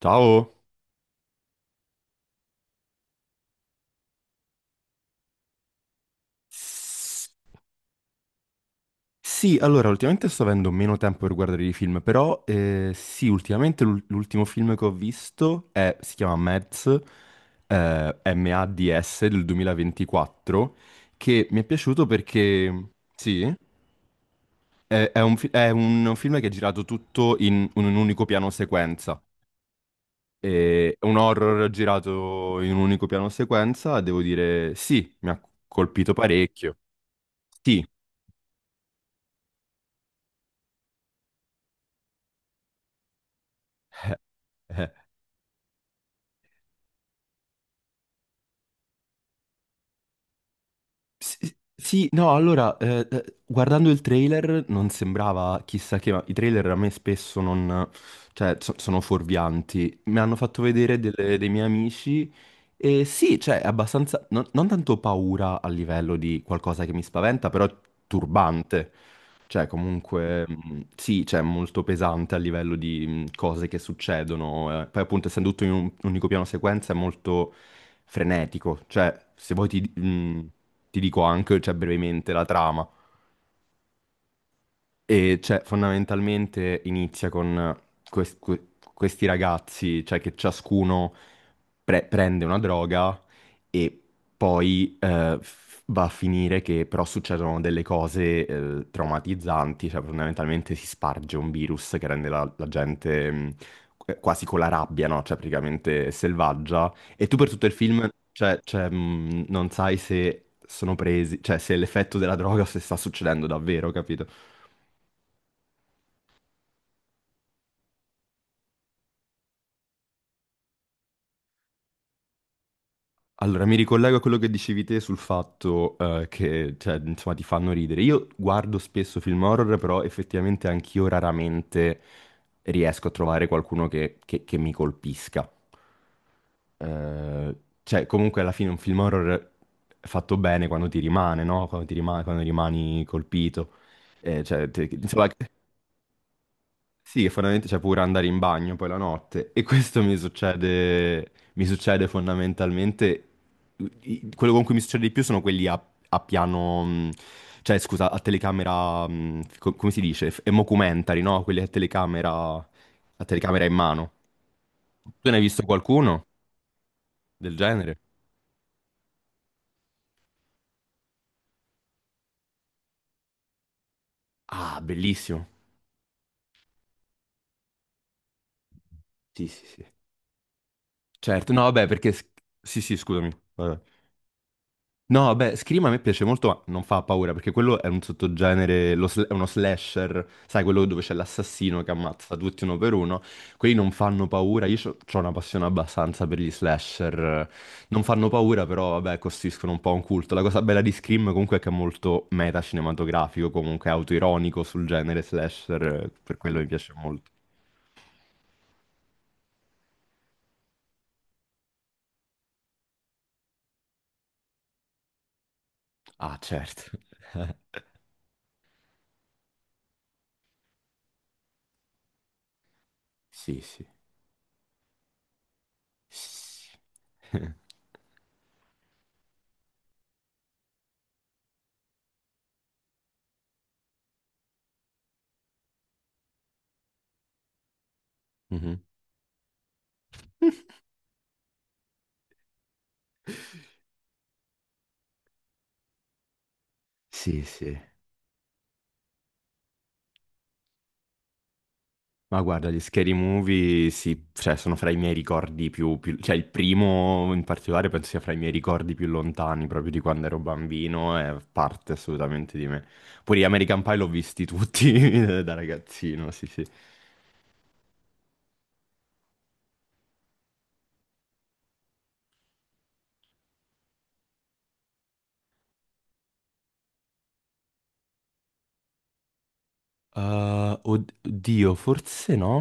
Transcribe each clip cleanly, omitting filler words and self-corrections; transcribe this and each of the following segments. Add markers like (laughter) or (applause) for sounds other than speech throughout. Ciao! S- Sì, allora, ultimamente sto avendo meno tempo per guardare i film, però sì, ultimamente l'ultimo film che ho visto si chiama Mads, MADS del 2024, che mi è piaciuto perché, sì, è un film che è girato tutto in un unico piano sequenza. È un horror girato in un unico piano sequenza, devo dire, sì, mi ha colpito parecchio. Sì. (laughs) Sì, sì, no, allora, guardando il trailer non sembrava chissà che, ma i trailer a me spesso non, cioè, sono fuorvianti. Mi hanno fatto vedere dei miei amici sì, cioè, è abbastanza, non, non tanto paura a livello di qualcosa che mi spaventa, però turbante. Cioè, comunque, sì, cioè, molto pesante a livello di cose che succedono. Poi, appunto, essendo tutto in un unico piano sequenza, è molto frenetico. Cioè, se vuoi ti dico anche, cioè, brevemente la trama. E cioè, fondamentalmente inizia con questi ragazzi, cioè che ciascuno prende una droga e poi va a finire che però succedono delle cose traumatizzanti, cioè fondamentalmente si sparge un virus che rende la gente quasi con la rabbia, no? Cioè praticamente selvaggia. E tu per tutto il film, non sai se sono presi, cioè se è l'effetto della droga (laughs) o se sta succedendo davvero, capito? Allora, mi ricollego a quello che dicevi te sul fatto che, cioè, insomma, ti fanno ridere. Io guardo spesso film horror, però effettivamente anch'io raramente riesco a trovare qualcuno che mi colpisca. Eh, cioè, comunque alla fine un film horror è fatto bene quando ti rimane, no? Quando ti rimane, quando rimani colpito. Insomma, sì, fondamentalmente c'è pure andare in bagno poi la notte e questo mi succede fondamentalmente, quello con cui mi succede di più sono quelli a piano, mh, cioè scusa, a telecamera, come si dice, mockumentary, no? Quelli a telecamera in mano. Tu ne hai visto qualcuno del genere? Ah, bellissimo. Sì, sì, sì. Certo, no, vabbè, sì, sì, scusami. Vabbè. No, beh, Scream a me piace molto, ma non fa paura, perché quello è un sottogenere, è uno slasher, sai, quello dove c'è l'assassino che ammazza tutti uno per uno. Quelli non fanno paura, io ho una passione abbastanza per gli slasher. Non fanno paura, però, vabbè, costituiscono un po' un culto. La cosa bella di Scream comunque è che è molto meta cinematografico, comunque autoironico sul genere slasher, per quello mi piace molto. Ah, certo. Sì, sì. Sì, (laughs) mhm. Sì, sì. Ma guarda, gli scary movie sì, cioè, sono fra i miei cioè, il primo in particolare penso sia fra i miei ricordi più lontani, proprio di quando ero bambino, è parte assolutamente di me. Pure gli American Pie l'ho visti tutti (laughs) da ragazzino, sì, sì. Uh, oddio, forse no?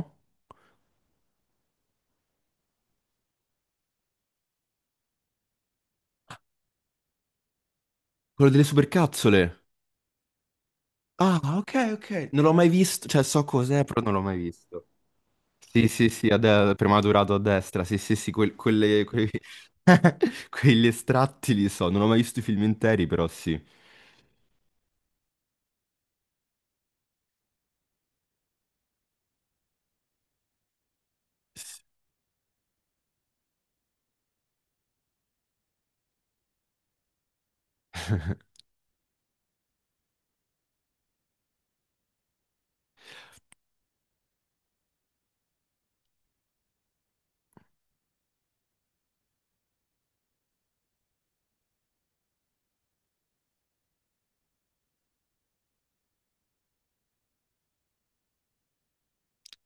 Quello delle supercazzole! Ah, ok, ok. Non l'ho mai visto, cioè so cos'è, però non l'ho mai visto. Sì, sì, sì, prima durato a destra, sì, sì, sì, (laughs) quegli estratti li so, non ho mai visto i film interi, però sì. S-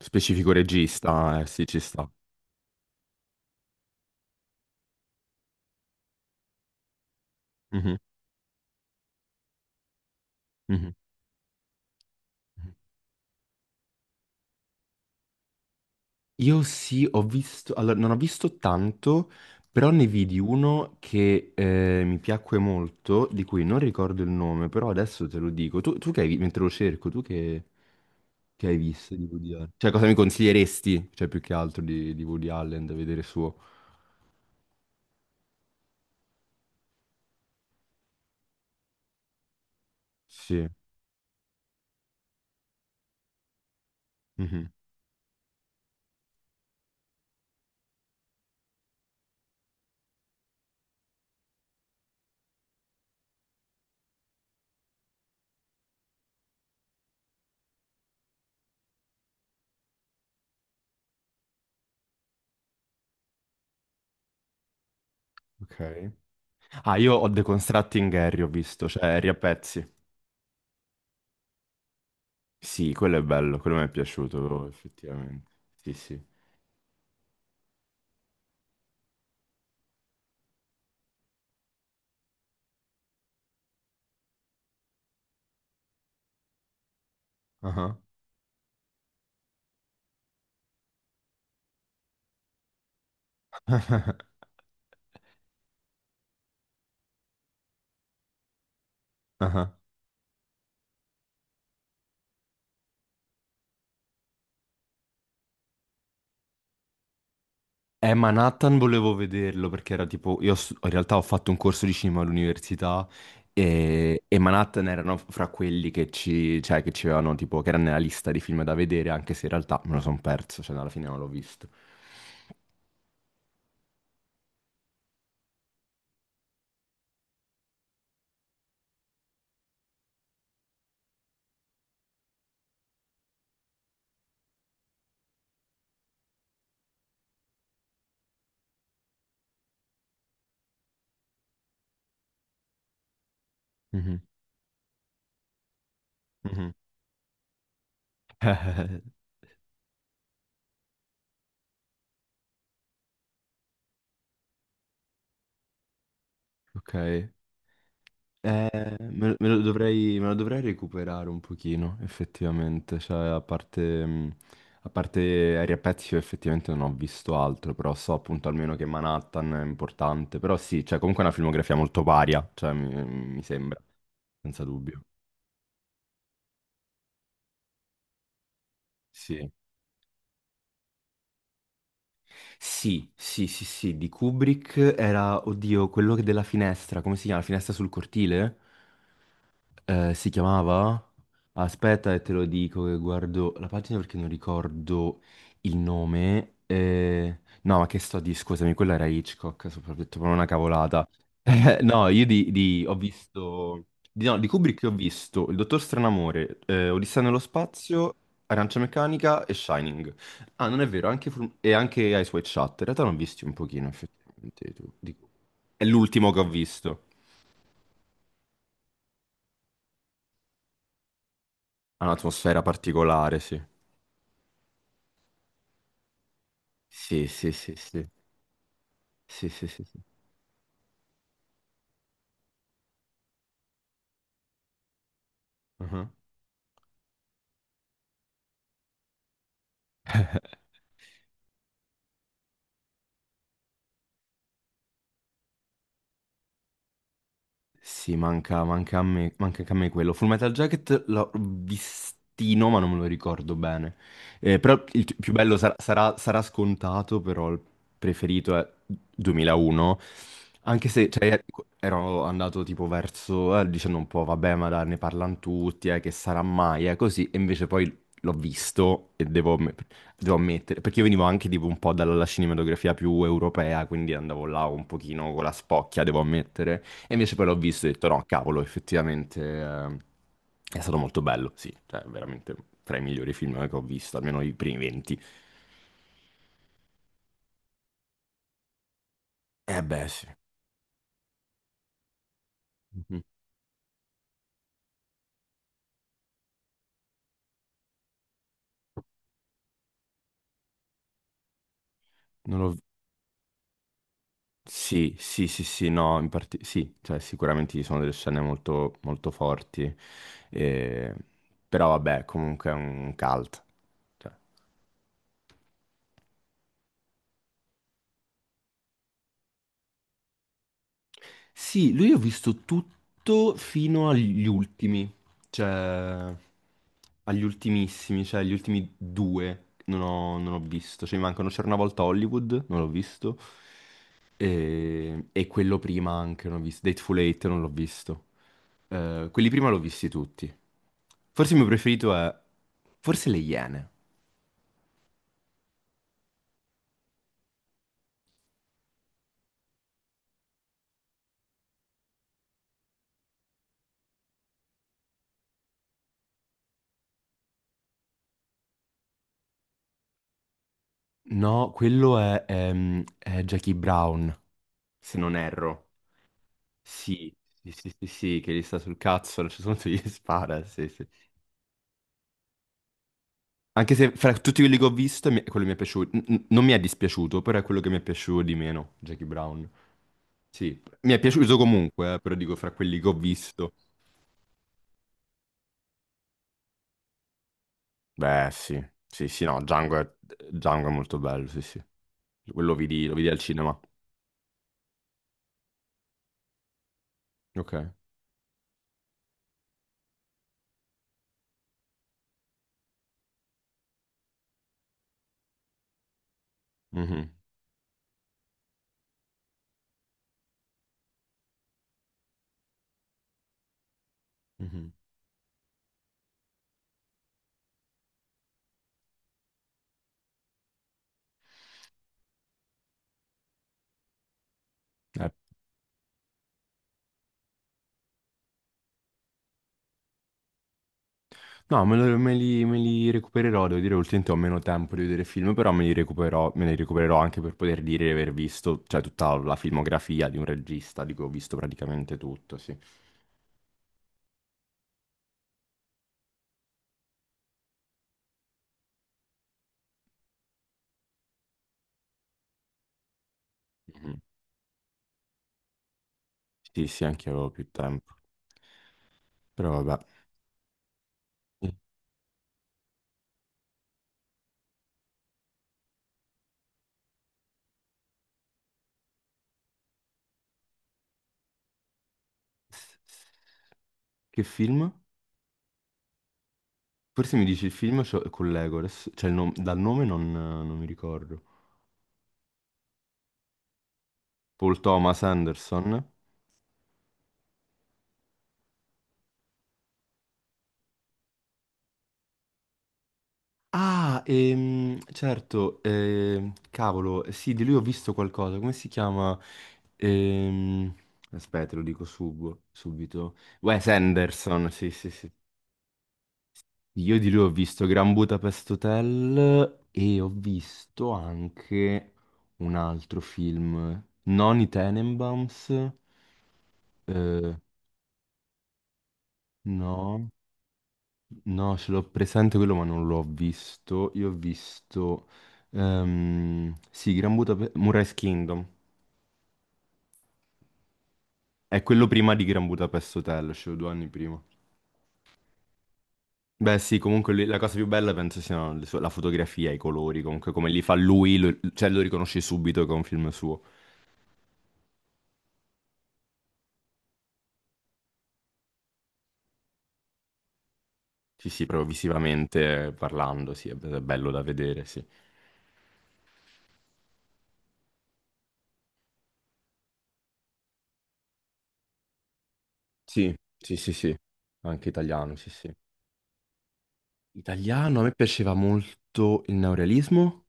specifico regista, sì, ci sta. Mhm, mhm. Io sì, ho visto, allora non ho visto tanto, però ne vidi uno che mi piacque molto, di cui non ricordo il nome, però adesso te lo dico. Tu, tu che hai, vi- mentre lo cerco, che hai visto di Woody Allen? Cioè, cosa mi consiglieresti? Cioè, più che altro di Woody Allen da vedere suo. Sì. Mhm. Ok. Ah, io ho The Constructing Harry, ho visto, cioè Harry a pezzi. Sì, quello è bello, quello mi è piaciuto effettivamente. Sì, sì. Ah ah. Ma Nathan volevo vederlo perché era tipo, in realtà ho fatto un corso di cinema all'università e Manhattan erano fra quelli che ci, cioè, che ci avevano tipo, che erano nella lista di film da vedere, anche se in realtà me lo sono perso, cioè alla fine non l'ho visto. Mhm, mhm. (laughs) Ok. Me lo dovrei recuperare un pochino, effettivamente. Cioè, a parte Aria Pezzi, io effettivamente non ho visto altro, però so appunto almeno che Manhattan è importante. Però sì, cioè, comunque è una filmografia molto varia, cioè, mi sembra, senza dubbio. Sì. Sì, sì, sì, sì, di Kubrick era, oddio, quello che della finestra, come si chiama? La finestra sul cortile? Si chiamava? Aspetta e te lo dico che guardo la pagina perché non ricordo il nome. No, ma che sto a dire? Scusami, quella era Hitchcock, ho detto proprio una cavolata. (laughs) No, io ho visto... Di, no, di Kubrick ho visto Il Dottor Stranamore, Odissea nello spazio, Arancia Meccanica e Shining. Ah, non è vero, e anche Eyes Wide Shut. In realtà ne ho visti un pochino, effettivamente. È l'ultimo che ho visto. Ha un'atmosfera particolare, sì. Sì, sì, sì, sì, sì, sì, sì, sì. Ah. Sì, manca, manca a me, manca anche a me quello. Full Metal Jacket l'ho vistino, ma non me lo ricordo bene. Però il t- più bello sarà, sarà- sarà scontato, però il preferito è 2001. Anche se cioè, ero andato tipo dicendo un po', vabbè, ma dai, ne parlano tutti, che sarà mai, così. E invece poi l'ho visto devo ammettere, perché io venivo anche tipo un po' dalla cinematografia più europea, quindi andavo là un pochino con la spocchia, devo ammettere. E invece poi l'ho visto e ho detto no, cavolo, effettivamente è stato molto bello, sì, cioè veramente tra i migliori film che ho visto, almeno i primi 20. Eh beh, sì. Mhm. Non ho- sì, sì, sì, sì, no, in parte... sì, cioè sicuramente ci sono delle scene molto forti, eh, però vabbè, comunque è un cult. Cioè. Sì, lui ho visto tutto fino agli ultimi, cioè agli ultimissimi, cioè gli ultimi due non ho visto, cioè mi mancano C'era una volta Hollywood, non l'ho visto, e quello prima anche non ho visto, Dateful Eight non l'ho visto. Quelli prima l'ho visti tutti. Forse il mio preferito è, forse Le Iene, no, quello è Jackie Brown, se non erro. Sì, sì, sì, sì, sì, che gli sta sul cazzo, a un certo punto gli spara, sì, sì. Anche se fra tutti quelli che ho visto, quello mi è piaciuto, non mi è dispiaciuto, però è quello che mi è piaciuto di meno, Jackie Brown. Sì, mi è piaciuto comunque, però dico fra quelli che ho visto. Beh, sì, sì, sì, no, Django è molto bello, sì, sì. Quello lo vidi al cinema. Ok. Mhm, mhm. Eh, no, me li recupererò, devo dire, ultimamente ho meno tempo di vedere film, però me li recupererò anche per poter dire di aver visto, cioè, tutta la filmografia di un regista, di cui ho visto praticamente tutto, sì. Mhm. Sì, sì, anche io avevo più tempo. Però vabbè. Che film? Forse mi dici il film cioè, con Legolas, dal nome non mi ricordo. Paul Thomas Anderson? Ah, certo, cavolo, sì, di lui ho visto qualcosa, come si chiama? Ehm, aspetta, subito. Wes Anderson, sì, sì, sì. Io di lui ho visto Gran Budapest Hotel e ho visto anche un altro film, non i Tenenbaums, eh, no. No, ce l'ho presente quello, ma non l'ho visto. Io ho visto... sì, Gran Budapest... Moonrise Kingdom. È quello prima di Gran Budapest Hotel, cioè due anni prima. Beh, sì, comunque la cosa più bella penso la fotografia, i colori, comunque come li fa lui, cioè lo riconosci subito che è un film suo. Sì, sì, proprio visivamente parlando, sì, è bello da vedere, sì. Sì, sì, sì, sì. Anche italiano, sì, sì. Italiano, a me piaceva molto il neorealismo.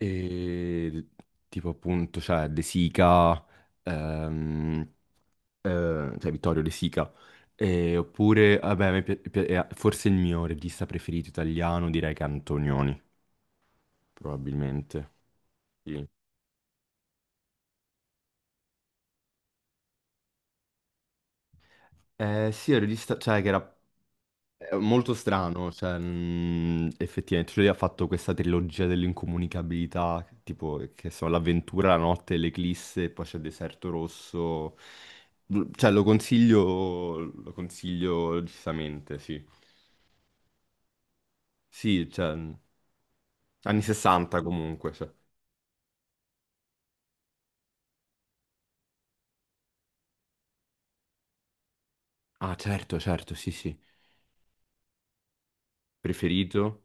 E tipo appunto, cioè De Sica, ehm, eh, cioè Vittorio De Sica. E oppure, vabbè, a me forse il mio regista preferito italiano direi che è Antonioni, probabilmente. Sì. Sì, è un regista, cioè che era è molto strano, cioè, effettivamente, cioè, lui ha fatto questa trilogia dell'incomunicabilità, tipo, che sono l'avventura, la notte, l'eclisse, e poi c'è Deserto Rosso, cioè, lo consiglio giustamente, sì. Sì, cioè, anni 60 comunque, cioè. Ah, certo, certo, sì, sì. Preferito?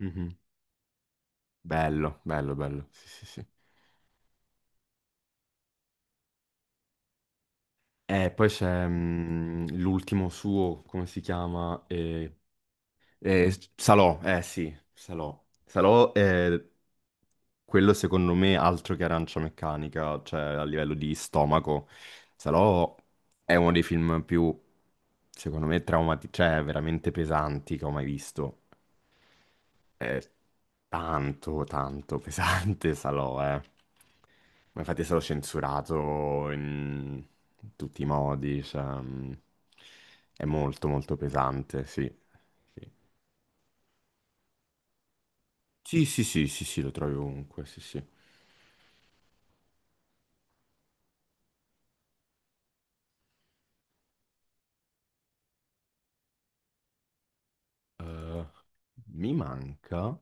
Mhm. Bello, bello, bello, sì, sì, sì. E poi c'è l'ultimo suo, come si chiama? Eh, Salò, eh sì, Salò. Salò è quello secondo me altro che Arancia Meccanica, cioè a livello di stomaco. Salò è uno dei film più, secondo me, traumatici, cioè veramente pesanti che ho mai visto. È tanto, tanto pesante (laughs) Salò, eh. Ma infatti è stato censurato in tutti i modi, cioè, è molto, molto pesante, sì. Sì. Sì, sì, sì, sì, sì, lo trovi ovunque, sì, sì. Eh, mi manca...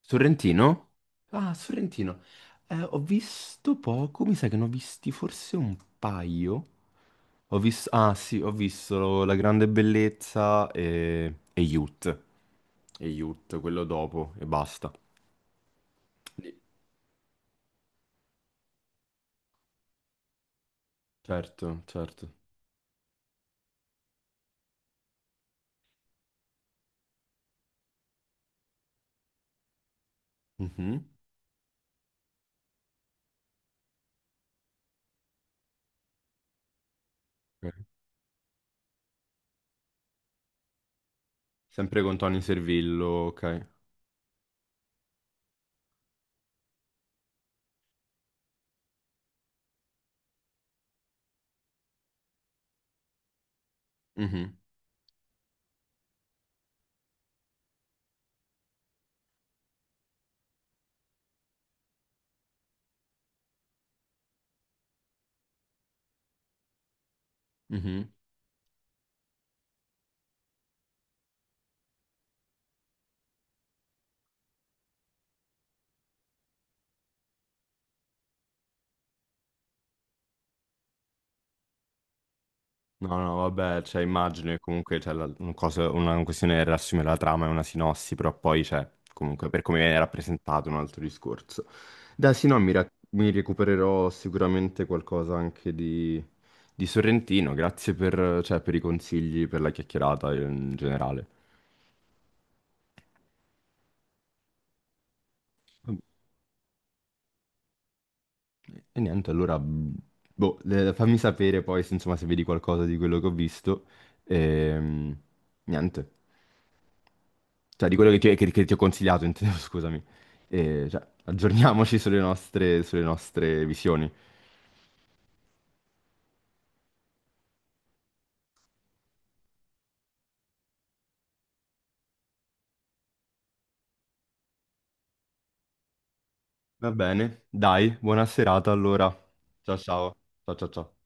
Sorrentino? Ah, Sorrentino. Ho visto poco, mi sa che ne ho visti forse un paio. Ho visto... Ah, sì, ho visto La Grande Bellezza e Youth. E Youth, quello dopo, e basta. Sì. Certo, certo. Mhm. Ok. Sempre con Tony Servillo, ok. Mhm, mhm. No, no, vabbè, cioè, immagino che comunque c'è la- un cosa- una questione è riassumere la trama e una sinossi, però poi c'è, comunque, per come viene rappresentato, un altro discorso. Dai, sì, no, mi recupererò sicuramente qualcosa anche di Sorrentino, grazie per, cioè, per i consigli, per la chiacchierata in generale. E niente, allora, boh, fammi sapere poi, se, insomma, se vedi qualcosa di quello che ho visto. E, niente. Cioè, di quello che che ti ho consigliato, intendevo, (laughs) scusami. E, cioè, aggiorniamoci sulle nostre visioni. Va bene, dai, buona serata allora. Ciao ciao. Ciao ciao ciao.